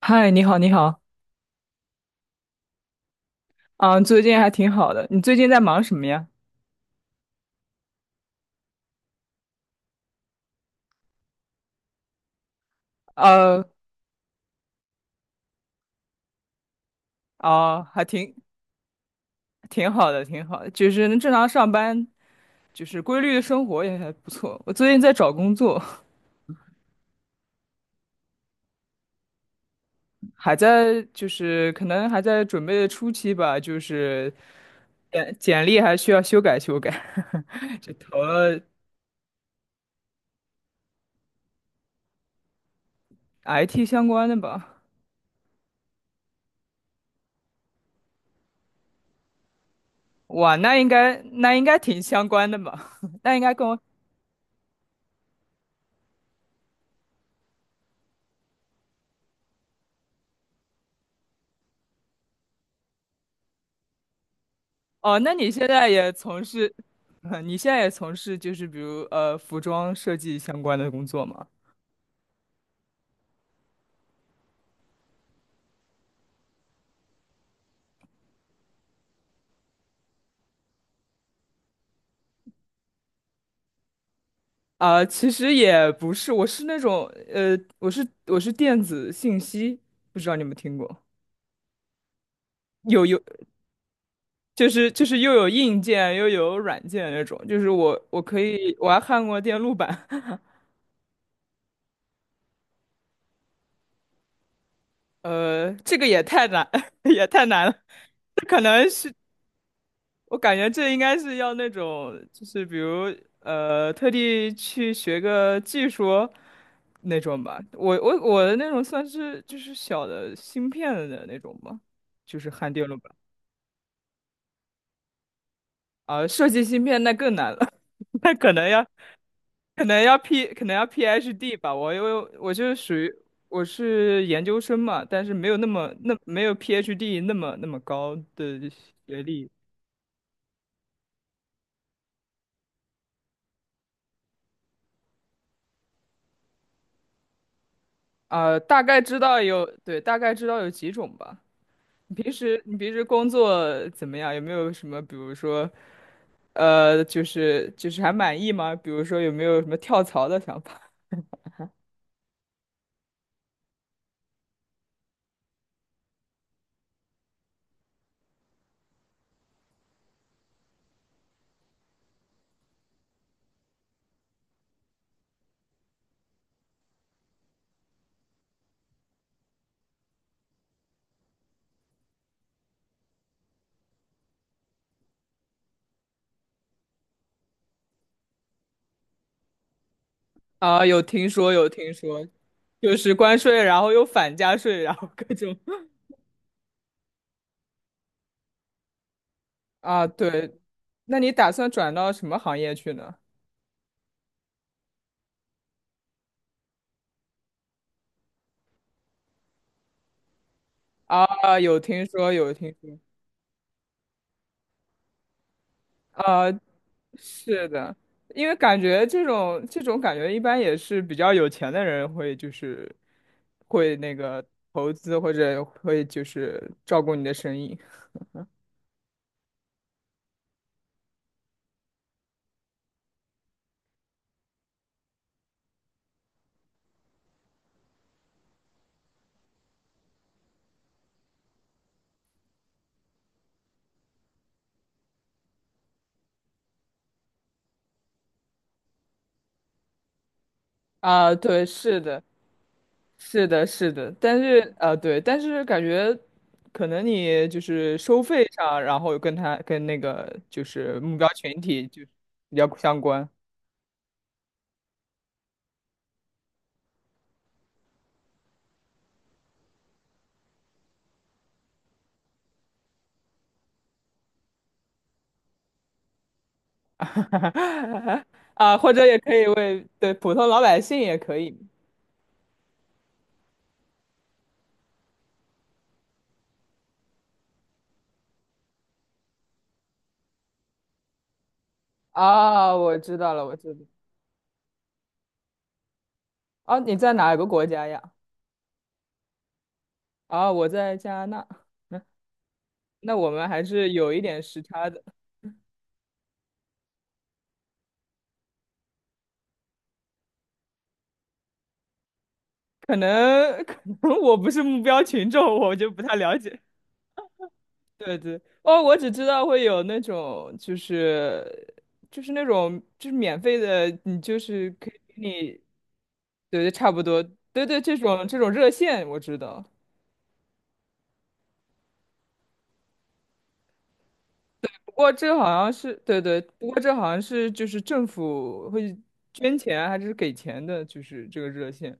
嗨，你好，你好。最近还挺好的。你最近在忙什么呀？呃，哦，还挺好的，就是能正常上班，就是规律的生活也还不错。我最近在找工作，还在就是可能还在准备的初期吧，就是简历还需要修改修改，就投了 IT 相关的吧。哇，那应该挺相关的吧？那应该跟我哦，那你现在也从事，你现在也从事就是比如服装设计相关的工作吗？啊，其实也不是，我是那种我是电子信息，不知道你有没有听过？有有，就是又有硬件又有软件那种，就是我我可以我还焊过电路板。这个也太难， 也太难了。这可能是我感觉这应该是要那种，就是比如特地去学个技术那种吧。我的那种算是就是小的芯片的那种吧，就是焊电路板。啊，设计芯片那更难了，那可能要 PhD 吧。我因为我就是属于我是研究生嘛，但是没有那么那没有 PhD 那么高的学历。啊，大概知道有几种吧。你平时工作怎么样？有没有什么，比如说，还满意吗？比如说有没有什么跳槽的想法？啊，有听说，就是关税，然后又反加税，然后各种。 啊，对。那你打算转到什么行业去呢？啊，有听说，啊，是的，因为感觉这种感觉一般也是比较有钱的人会就是会那个投资，或者会就是照顾你的生意。啊，对，是的。但是感觉可能你就是收费上，然后跟那个就是目标群体就比较相关。啊，或者也可以为普通老百姓也可以。啊，我知道。哦，你在哪个国家呀？啊，我在加拿大。嗯，那我们还是有一点时差的。可能 可能我不是目标群众，我就不太了解。对对，哦，我只知道会有那种，就是那种就是免费的，你就是可以给你。对对，差不多。对对，这种热线我知道。不过这好像是对对，不过这好像是就是政府会捐钱还是给钱的，就是这个热线。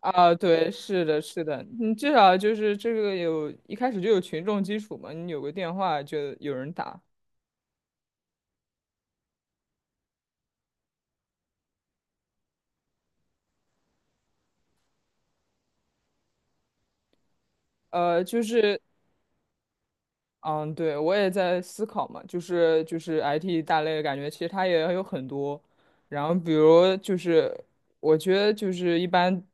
啊，对，是的，是的，你至少就是这个有一开始就有群众基础嘛，你有个电话就有人打。呃，就是嗯，对，我也在思考嘛，就是 IT 大类，感觉其实它也有很多，然后比如就是我觉得就是一般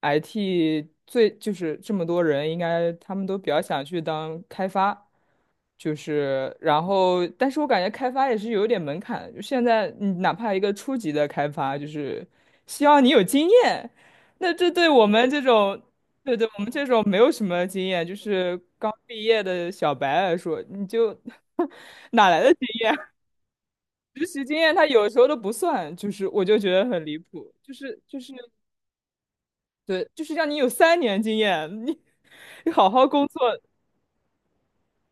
IT 最就是这么多人，应该他们都比较想去当开发，然后但是我感觉开发也是有一点门槛的，就现在你哪怕一个初级的开发，就是希望你有经验。那这对我们这种。对对，我们这种没有什么经验，就是刚毕业的小白来说，你就 哪来的经实习经验？他有时候都不算，就是我就觉得很离谱，对，就是让你有三年经验，你你好好工作，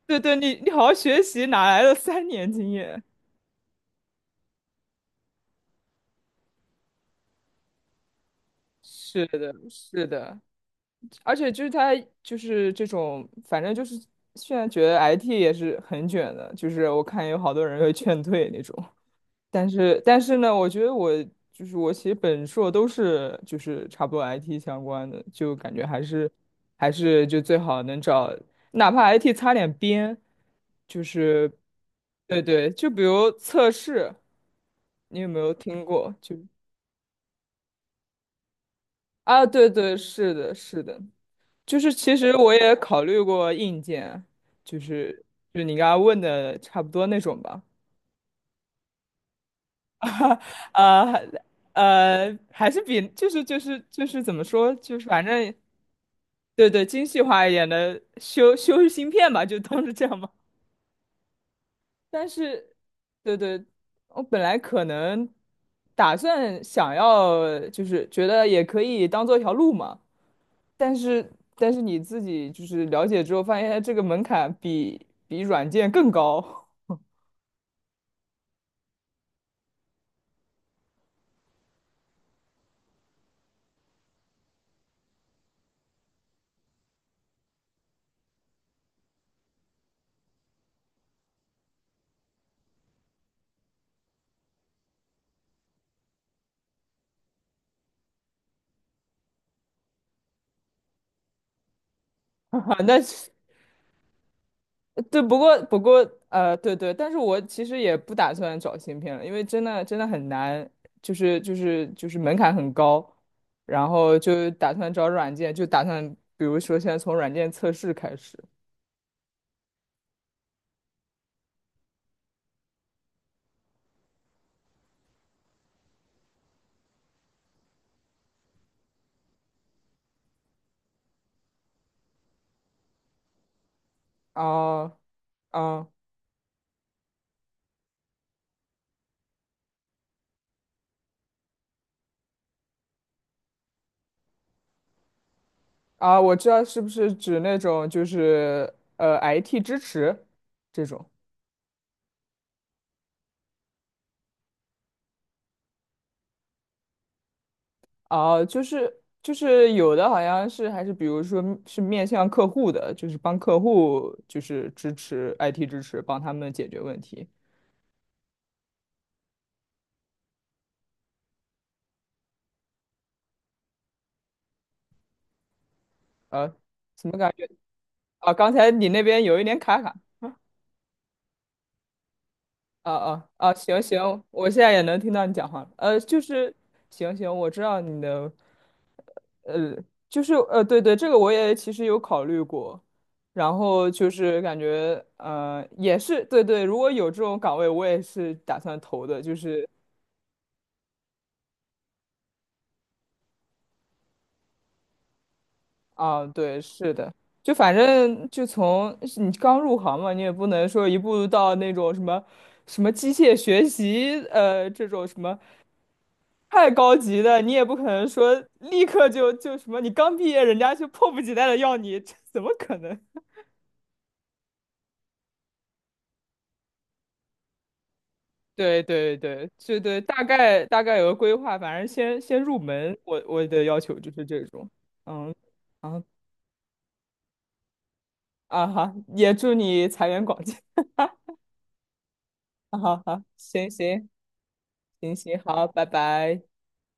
对对，你你好好学习，哪来的三年经验？是的，是的。而且就是他就是这种，反正就是现在觉得 IT 也是很卷的，就是我看有好多人会劝退那种。但是呢，我觉得我就是我写本硕都是就是差不多 IT 相关的，就感觉还是就最好能找，哪怕 IT 擦点边，就是对对，就比如测试，你有没有听过？啊，对对，是的，是的，就是其实我也考虑过硬件，就是就你刚刚问的差不多那种吧。呃还是比怎么说，就是反正对对精细化一点的修芯片吧，就当是这样吧。但是，对对，我本来可能打算想要，就是觉得也可以当做一条路嘛。但是，但是你自己就是了解之后，发现这个门槛比软件更高。那对，不过对对，但是我其实也不打算找芯片了，因为真的真的很难，就是门槛很高，然后就打算找软件，就打算比如说现在从软件测试开始。啊啊我知道是不是指那种就是IT 支持这种。啊，有的好像是还是比如说是面向客户的，就是帮客户支持 IT 支持，帮他们解决问题。呃，什么感觉？啊，刚才你那边有一点卡。行行，我现在也能听到你讲话了。行行，我知道你的。呃，对对，这个我也其实有考虑过，然后就是感觉，也是对对，如果有这种岗位，我也是打算投的。啊，对，是的。就反正就你刚入行嘛，你也不能说一步到那种什么机械学习，这种什么。太高级的，你也不可能说立刻就什么，你刚毕业，人家就迫不及待的要你，这怎么可能？对对对，对对，大概有个规划，反正先入门，我的要求就是这种。嗯，啊啊哈，也祝你财源广进。啊哈哈，行行行行，好，拜拜。